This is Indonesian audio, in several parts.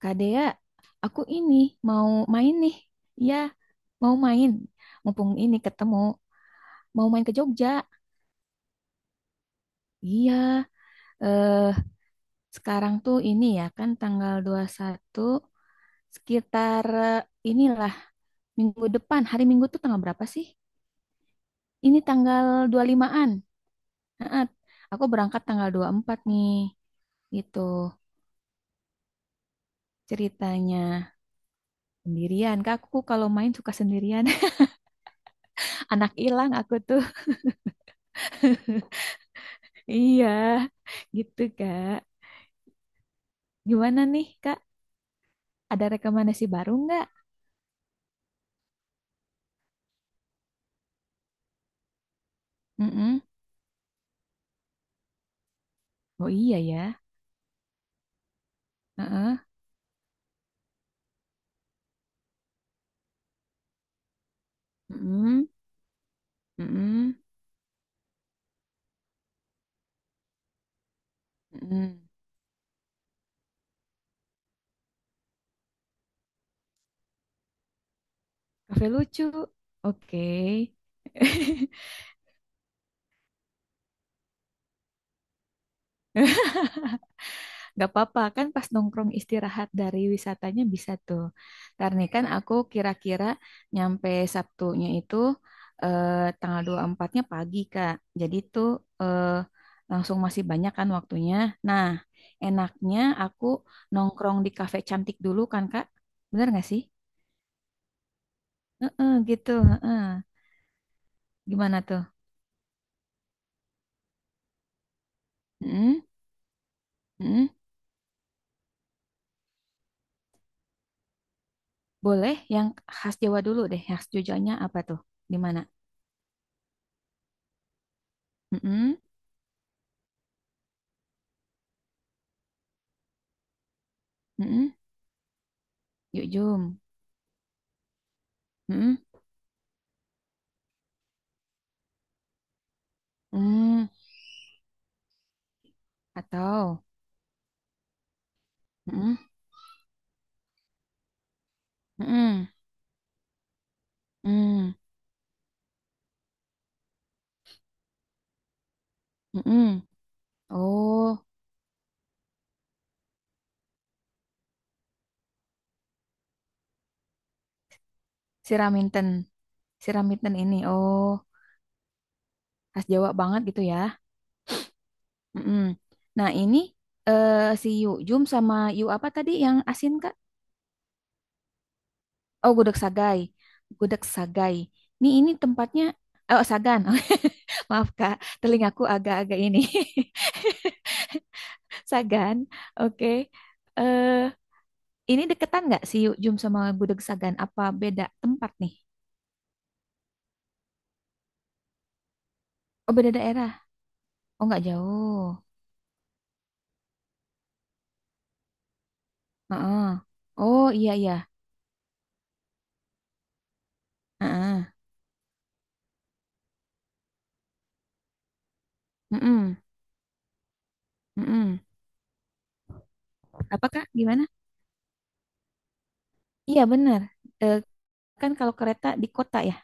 Kak Dea, aku ini mau main nih. Iya, mau main. Mumpung ini ketemu, mau main ke Jogja. Iya, eh sekarang tuh ini ya kan tanggal 21. Sekitar inilah minggu depan. Hari Minggu tuh tanggal berapa sih? Ini tanggal 25-an. Heeh, aku berangkat tanggal 24 nih. Gitu ceritanya. Sendirian, Kak. Aku kalau main suka sendirian. Anak hilang aku tuh. Iya, gitu, Kak. Gimana nih, Kak? Ada rekomendasi baru nggak? Mm-mm. Oh iya ya. Heeh. Mm-mm. Mm-mm. Mm-mm. Cafe lucu. Oke. Gak apa-apa, kan pas nongkrong istirahat dari wisatanya bisa tuh. Karena kan aku kira-kira nyampe Sabtunya itu eh, tanggal 24 empatnya pagi, Kak. Jadi tuh eh, langsung masih banyak kan waktunya. Nah, enaknya aku nongkrong di kafe cantik dulu kan, Kak. Bener gak sih? Heeh, gitu. Heeh. Gimana tuh? Mm-mm, mm-mm. Boleh yang khas Jawa dulu deh. Khas Jogjanya apa tuh? Di mana? Mm-mm, mm-mm. Yuk, jom. Mm-mm. Hmm, atau hmm, hmm, hmm, hmm, hmm. Oh, siraminten, siraminten ini. Oh, khas Jawa banget gitu ya. Hmm. Hmm. Nah, ini eh, si Yu Jum sama Yu apa tadi yang asin Kak? Oh, gudeg sagai. Gudeg sagai. Nih ini tempatnya. Oh, Sagan. Maaf Kak, telingaku agak-agak ini. Sagan. Oke. Eh, ini deketan nggak si Yu Jum sama gudeg Sagan? Apa beda tempat nih? Oh beda daerah. Oh nggak jauh. Heeh. Oh iya iya. Heeh. Mm-mm. Mm-mm. Apa Kak? Gimana? Iya benar. Eh, kan kalau kereta di kota ya.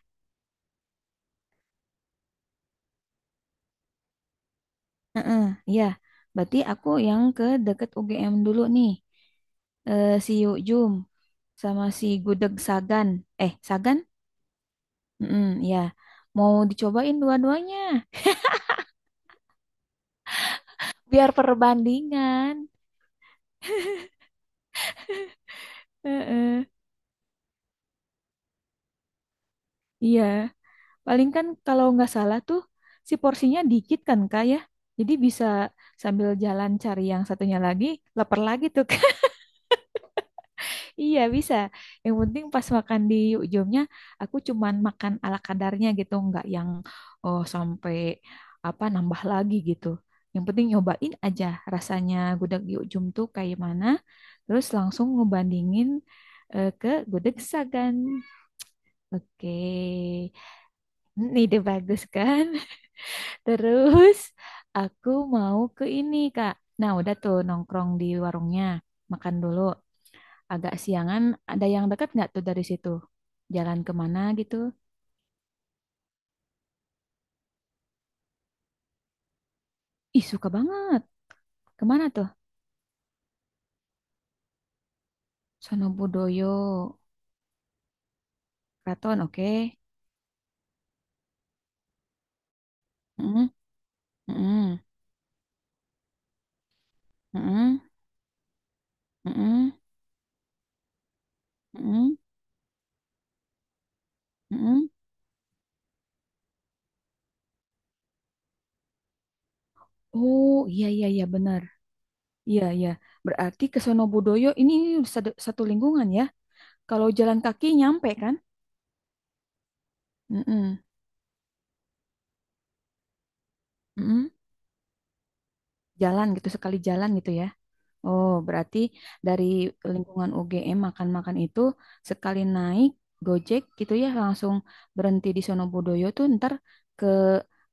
Heeh. Iya. Berarti aku yang ke deket UGM dulu nih. Eh, si Yukjum sama si Gudeg Sagan. Eh Sagan? Mm-mm, ya. Mau dicobain dua-duanya. Biar perbandingan. Heeh. Iya. Paling kan kalau nggak salah tuh si porsinya dikit kan Kak ya. Jadi bisa sambil jalan cari yang satunya lagi, lapar lagi tuh Kak. Iya bisa. Yang penting pas makan di ujungnya aku cuman makan ala kadarnya gitu, nggak yang oh sampai apa nambah lagi gitu. Yang penting nyobain aja rasanya gudeg di ujung tuh kayak mana, terus langsung ngebandingin ke gudeg Sagan. Oke. Ini ide bagus kan? Terus aku mau ke ini, Kak. Nah, udah tuh nongkrong di warungnya, makan dulu. Agak siangan, ada yang dekat nggak tuh dari situ? Jalan kemana gitu? Ih, suka banget. Kemana tuh? Sonobudoyo, Keraton, oke. Mm-mm, mm-mm, mm-mm, oh, iya, iya, iya, benar. Iya, iya. Berarti ke Sonobudoyo ini satu satu lingkungan ya. Kalau jalan kaki nyampe kan? Mm-mm, mm-mm. Jalan gitu, sekali jalan gitu ya. Oh, berarti dari lingkungan UGM makan-makan itu sekali naik Gojek gitu ya langsung berhenti di Sonobudoyo tuh ntar ke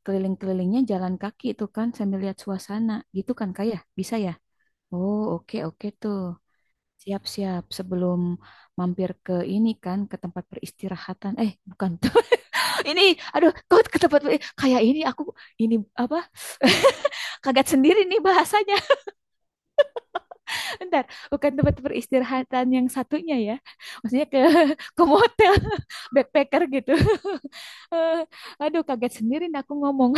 keliling-kelilingnya jalan kaki itu kan sambil lihat suasana gitu kan Kak ya? Bisa ya? Oh, oke oke tuh. Siap-siap sebelum mampir ke ini kan ke tempat peristirahatan. Eh, bukan tuh. Ini aduh, kok ke tempat per- kayak ini aku ini apa? Kaget sendiri nih bahasanya. Bentar, bukan tempat peristirahatan yang satunya ya. Maksudnya ke motel, backpacker gitu. Eh, Aduh, kaget sendiri nih aku ngomong.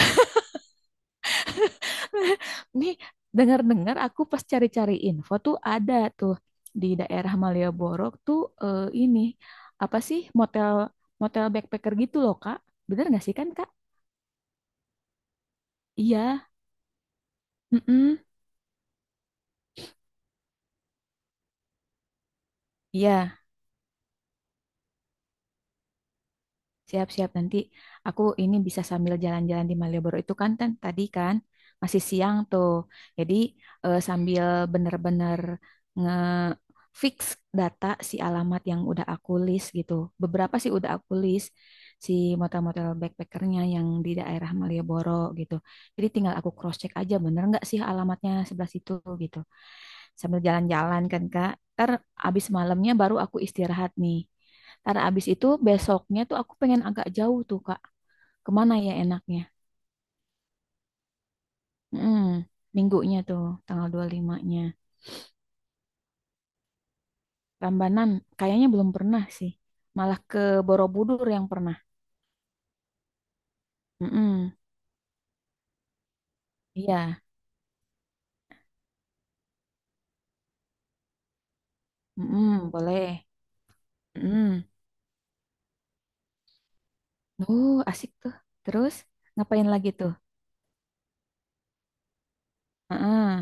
Nih, dengar-dengar aku pas cari-cari info tuh ada tuh di daerah Malioboro tuh ini apa sih motel motel backpacker gitu loh, Kak. Bener nggak sih kan, Kak? Iya. Mm. Iya. Siap-siap nanti aku ini bisa sambil jalan-jalan di Malioboro itu kan tan- tadi kan masih siang tuh. Jadi sambil bener-bener nge-fix data si alamat yang udah aku list gitu. Beberapa sih udah aku list si motel-motel backpackernya yang di daerah Malioboro gitu. Jadi tinggal aku cross-check aja bener nggak sih alamatnya sebelah situ gitu sambil jalan-jalan kan Kak. Ntar abis malamnya baru aku istirahat nih. Ntar abis itu besoknya tuh aku pengen agak jauh tuh Kak. Kemana ya enaknya? Mm, minggunya tuh tanggal 25-nya. Rambanan kayaknya belum pernah sih. Malah ke Borobudur yang pernah. Mm-mm, iya, mm-mm, boleh. Mm. Asik tuh. Terus ngapain lagi tuh? Heeh,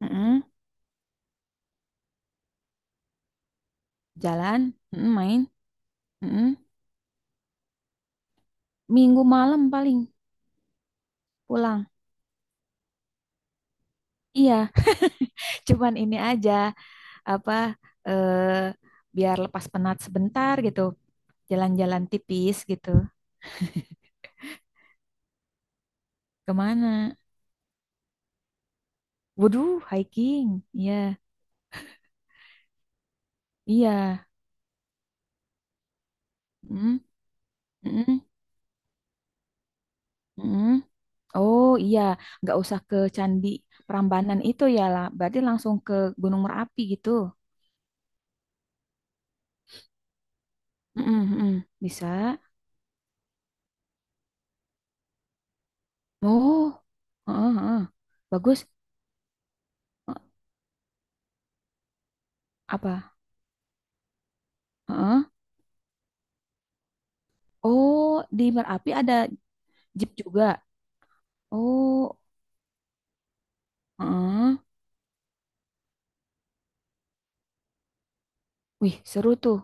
heeh. Jalan, heeh, main, heeh. Minggu malam paling pulang. Iya, cuman ini aja apa eh, biar lepas penat sebentar gitu. Jalan-jalan tipis gitu. Kemana? Waduh, hiking. Iya, iya. Mm, mm, mm. Oh iya, nggak usah ke Candi Prambanan itu ya lah. Berarti langsung ke Gunung Merapi gitu. Mm, mm. Bisa. Oh, heeh, heeh. Bagus. Eh, apa? Heeh. Oh, di Merapi ada jeep juga. Oh, heeh. Wih, seru tuh.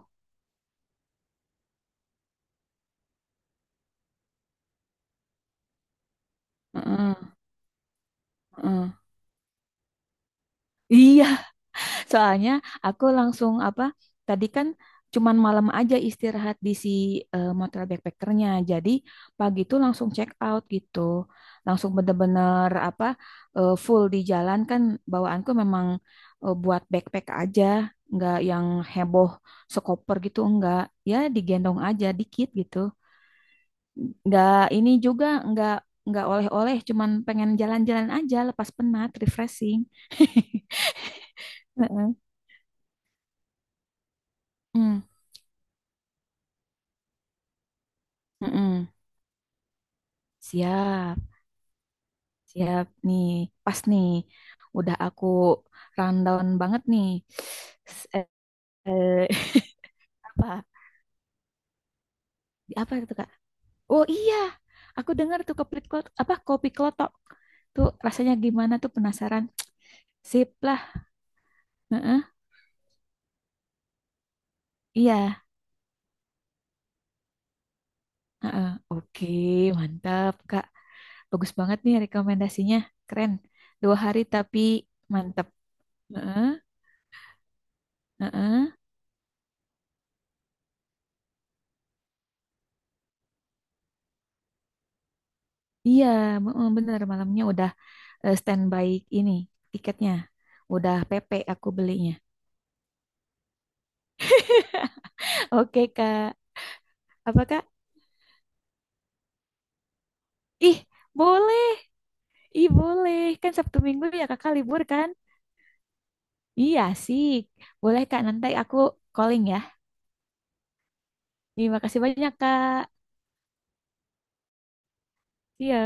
Heeh, heeh. Iya, soalnya aku langsung apa? Tadi kan cuman malam aja istirahat di si motor backpackernya. Jadi pagi tuh langsung check out gitu. Langsung bener-bener apa? Full di jalan kan bawaanku memang buat backpack aja, nggak yang heboh sekoper gitu enggak. Ya digendong aja dikit gitu. Nggak ini juga nggak oleh-oleh cuman pengen jalan-jalan aja lepas penat refreshing. Heeh. Mm, mm-mm. Siap, siap nih, pas nih, udah aku rundown banget nih. S- eh, eh, apa, apa itu Kak? Oh iya, aku dengar tuh kopi klotok, apa kopi klotok tuh rasanya gimana tuh penasaran. Sip lah. Heeh, iya. Heeh. Oke, mantap Kak. Bagus banget nih rekomendasinya. Keren. Dua hari tapi mantep. Heeh, heeh. Iya, heeh, bener. Malamnya udah standby ini tiketnya. Udah PP aku belinya. Oke, Kak. Apa, Kak? Ih, boleh. Ih, boleh. Kan Sabtu Minggu ya Kakak libur kan? Iya, sih. Boleh, Kak. Nanti aku calling ya. Terima kasih banyak, Kak. Iya.